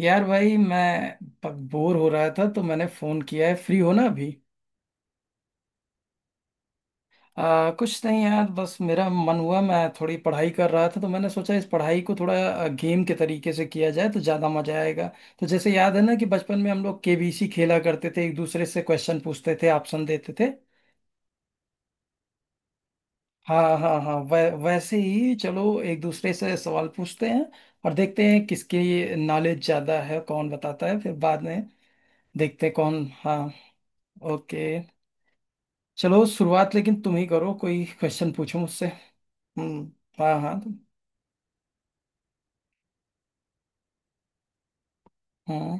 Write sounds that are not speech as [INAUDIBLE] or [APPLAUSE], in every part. यार भाई, मैं बोर हो रहा था तो मैंने फोन किया है। फ्री हो ना अभी? कुछ नहीं यार, बस मेरा मन हुआ, मैं थोड़ी पढ़ाई कर रहा था तो मैंने सोचा इस पढ़ाई को थोड़ा गेम के तरीके से किया जाए तो ज्यादा मजा आएगा। तो जैसे याद है ना कि बचपन में हम लोग केबीसी खेला करते थे, एक दूसरे से क्वेश्चन पूछते थे, ऑप्शन देते थे। हाँ हाँ हाँ, वैसे ही चलो, एक दूसरे से सवाल पूछते हैं। और देखते हैं किसकी नॉलेज ज्यादा है, कौन बताता है फिर बाद में। देखते हैं कौन। हाँ। ओके। चलो, शुरुआत लेकिन तुम ही करो, कोई क्वेश्चन पूछो मुझसे। हम्म। हाँ हाँ, तुम। हम्म।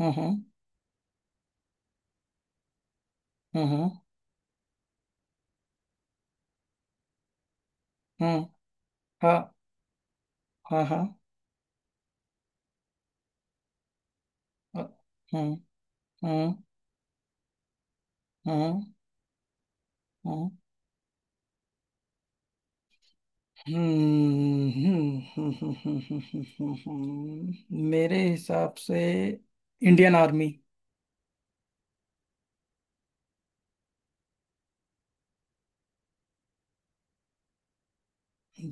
हम्म। हम्म। हम्म। हम्म। हम्म। हाँ हाँ हाँ। अ, हम्म। हम्म। हम्म। हम्म। हम्म। हम्म। हम्म। हम्म। हम्म। हम्म। हम्म। हम्म। मेरे हिसाब से इंडियन आर्मी।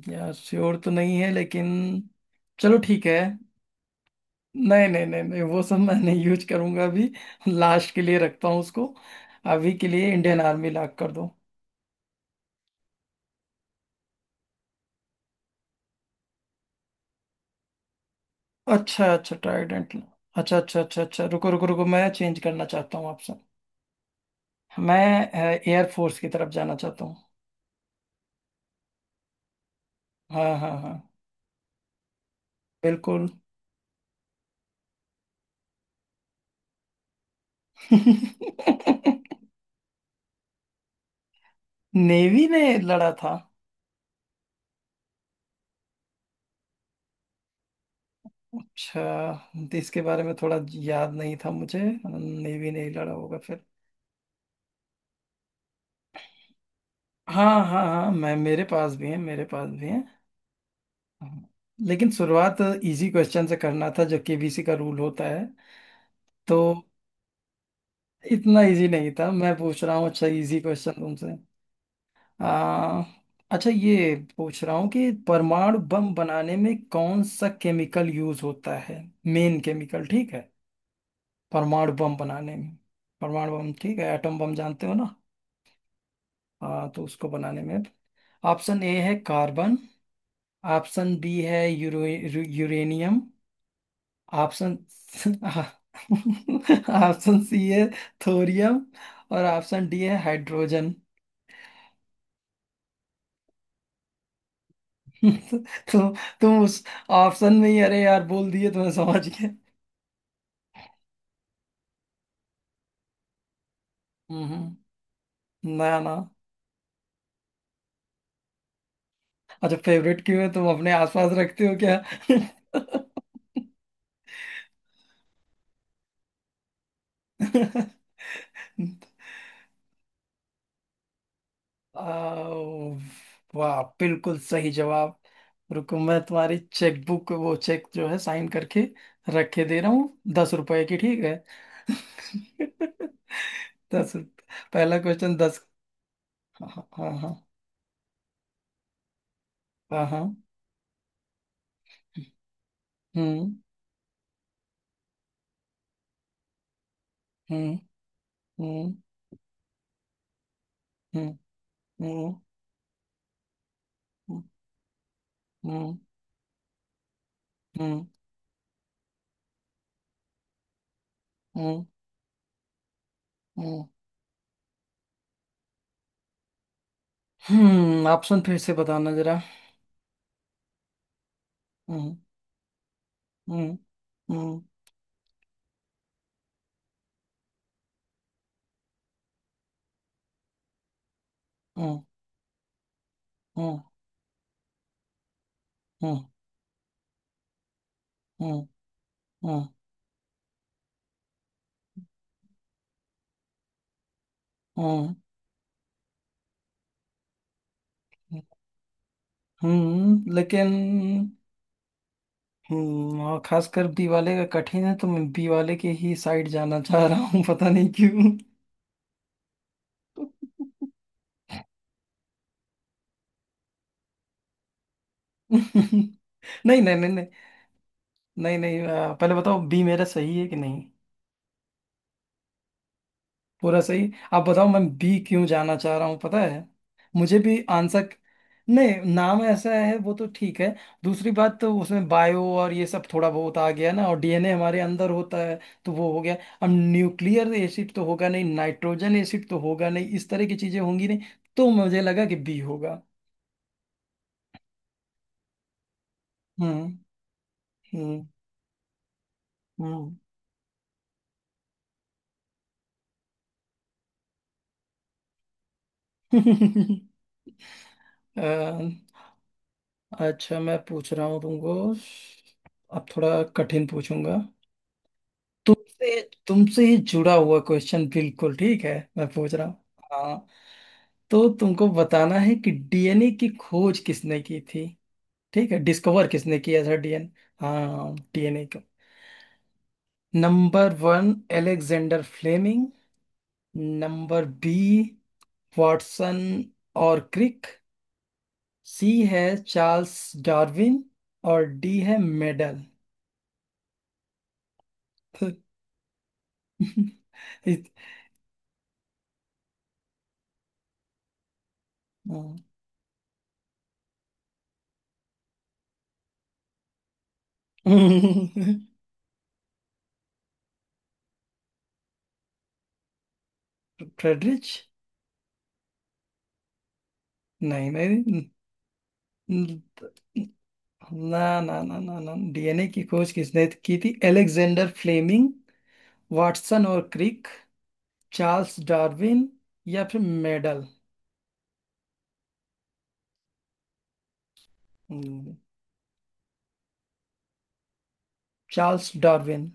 यार, श्योर तो नहीं है लेकिन चलो ठीक है। नहीं नहीं नहीं नहीं, वो सब मैं नहीं यूज करूंगा अभी, लास्ट के लिए रखता हूँ उसको। अभी के लिए इंडियन आर्मी लॉक कर दो। अच्छा अच्छा, ट्राइडेंट। अच्छा अच्छा अच्छा अच्छा, रुको रुको रुको, मैं चेंज करना चाहता हूँ आपसे। मैं एयरफोर्स की तरफ जाना चाहता हूँ। हाँ हाँ हाँ। बिल्कुल। [LAUGHS] नेवी ने लड़ा था। अच्छा, इसके बारे में थोड़ा याद नहीं था मुझे। नेवी ने ही लड़ा होगा फिर। हाँ हाँ हाँ, मैं मेरे पास भी है, मेरे पास भी है। हाँ। लेकिन शुरुआत इजी क्वेश्चन से करना था, जो केबीसी का रूल होता है। तो इतना इजी नहीं था मैं पूछ रहा हूँ। अच्छा, इजी क्वेश्चन तुमसे। आ, अच्छा, ये पूछ रहा हूँ कि परमाणु बम बनाने में कौन सा केमिकल यूज होता है। मेन केमिकल, ठीक है? परमाणु बम बनाने में। परमाणु बम, ठीक है? एटम बम जानते हो ना। हाँ, तो उसको बनाने में ऑप्शन ए है कार्बन। ऑप्शन बी है यूरो यूरेनियम। ऑप्शन [LAUGHS] ऑप्शन सी है थोरियम, और ऑप्शन डी है हाइड्रोजन। [LAUGHS] तो तुम उस ऑप्शन में ही, अरे यार, बोल दिए तो मैं समझ गया। हम्म। ना ना। अच्छा, फेवरेट क्यों है? तुम अपने आसपास रखते हो क्या? [LAUGHS] आओ, वाह, बिल्कुल सही जवाब। रुको, मैं तुम्हारी चेकबुक, वो चेक जो है, साइन करके रखे दे रहा हूँ, 10 रुपए की। ठीक है? [LAUGHS] दस रुप- पहला क्वेश्चन 10। हाँ। हाँ हाँ। हाँ हाँ। हम्म। हम्म। हम्म। हम्म। हम्म। हम्म। हम्म। हम्म। हम्म। हम्म। हम्म। ऑप्शन फिर से बताना जरा। हम्म। हम्म। हम्म। हम्म। हम्म। हम्म। हम्म। हम्म। हम्म। लेकिन और खासकर बी वाले का कठिन है, तो मैं बी वाले के ही साइड जाना चाह रहा हूँ, पता नहीं क्यों। [LAUGHS] नहीं नहीं नहीं नहीं। नहीं नहीं, पहले बताओ बी मेरा सही है कि नहीं। पूरा सही? आप बताओ, मैं बी क्यों जाना चाह रहा हूँ, पता है? मुझे भी आंसर। नहीं, नाम ऐसा है वो तो ठीक है। दूसरी बात, तो उसमें बायो और ये सब थोड़ा बहुत आ गया ना, और डीएनए हमारे अंदर होता है तो वो हो गया। अब न्यूक्लियर एसिड तो होगा नहीं, नाइट्रोजन एसिड तो होगा नहीं, इस तरह की चीजें होंगी नहीं। तो मुझे लगा कि बी होगा। हम्म। हम्म। हम्म। [LAUGHS] अच्छा, मैं पूछ रहा हूँ तुमको, अब थोड़ा कठिन पूछूंगा तुमसे। तुमसे ही जुड़ा हुआ क्वेश्चन, बिल्कुल ठीक है, मैं पूछ रहा हूँ। हाँ, तो तुमको बताना है कि डीएनए की खोज किसने की थी। ठीक है? डिस्कवर किसने किया था? डीएन हाँ, डीएनए को। Number 1, Alexander Fleming. Number B, Watson और क्रिक। सी है चार्ल्स डार्विन, और डी है मेडल। [LAUGHS] फ्रेडरिच? नहीं। नहीं, ना ना ना ना ना, डीएनए की खोज किसने की थी? एलेक्जेंडर फ्लेमिंग, वाटसन और क्रिक, चार्ल्स डार्विन, या फिर मेडल? हम्म, Charles Darwin?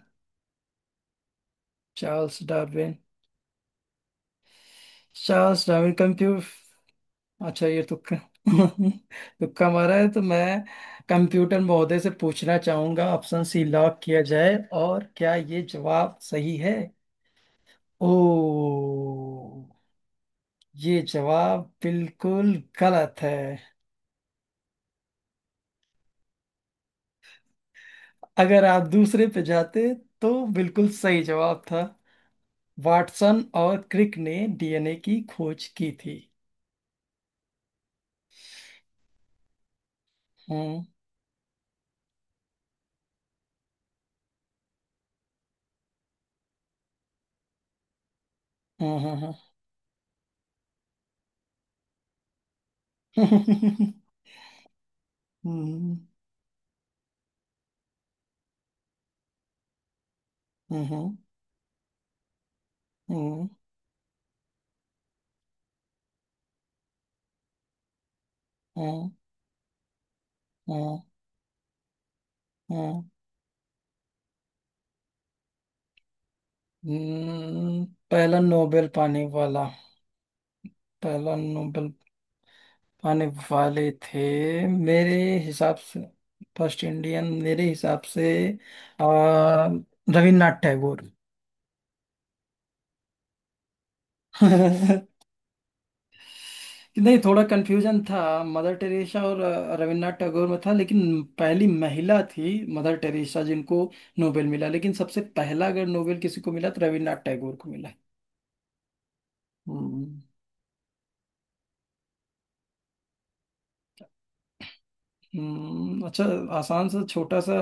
Charles Darwin. Charles Darwin, computer. अच्छा, ये तुक्का [LAUGHS] तुक्का मारा है तो मैं कंप्यूटर महोदय से पूछना चाहूंगा, ऑप्शन सी लॉक किया जाए। और क्या ये जवाब सही है? ओ, ये जवाब बिल्कुल गलत है। अगर आप दूसरे पे जाते तो बिल्कुल सही जवाब था। वाटसन और क्रिक ने डीएनए की खोज की थी। हम्म। हम्म। हम्म। हम्म। हम्म। हम्म। हम्म। हम्म। हम्म। हम्म। हम्म। पहला नोबेल पाने वाला, पहला नोबेल पाने वाले थे मेरे हिसाब से, फर्स्ट इंडियन मेरे हिसाब से, आ, रविन्द्रनाथ टैगोर। [LAUGHS] नहीं, थोड़ा कंफ्यूजन था मदर टेरेसा और रविन्द्रनाथ टैगोर में था। लेकिन पहली महिला थी मदर टेरेसा जिनको नोबेल मिला, लेकिन सबसे पहला अगर नोबेल किसी को मिला तो रविन्द्रनाथ टैगोर को मिला। हम्म। अच्छा आसान सा छोटा सा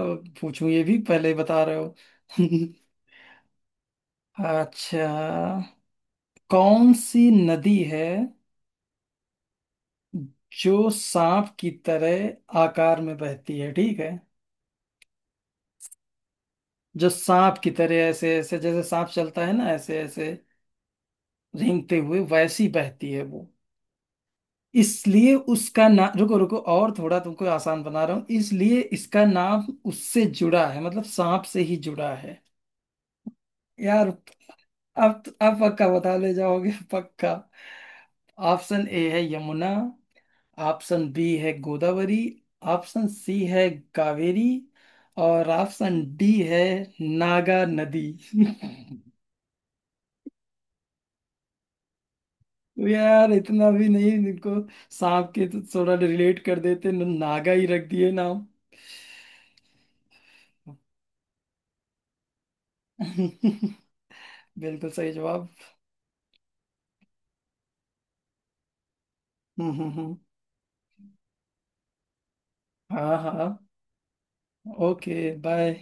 पूछूं? ये भी पहले ही बता रहे हो। [LAUGHS] अच्छा, कौन सी नदी है जो सांप की तरह आकार में बहती है, ठीक है? जो सांप की तरह ऐसे ऐसे, जैसे सांप चलता है ना, ऐसे ऐसे रेंगते हुए वैसी बहती है वो, इसलिए उसका नाम, रुको रुको, और थोड़ा तुमको आसान बना रहा हूँ, इसलिए इसका नाम उससे जुड़ा है, मतलब सांप से ही जुड़ा है। यार, अब पक्का बता ले जाओगे, [LAUGHS] पक्का। ऑप्शन ए है यमुना, ऑप्शन बी है गोदावरी, ऑप्शन सी है कावेरी, और ऑप्शन डी है नागा नदी। [LAUGHS] यार, इतना भी नहीं? इनको सांप के तो थोड़ा रिलेट कर देते, नागा ही रख दिए नाम। [LAUGHS] बिल्कुल सही जवाब। [LAUGHS] हम्म। हम्म। हम्म। हाँ हाँ, ओके, बाय।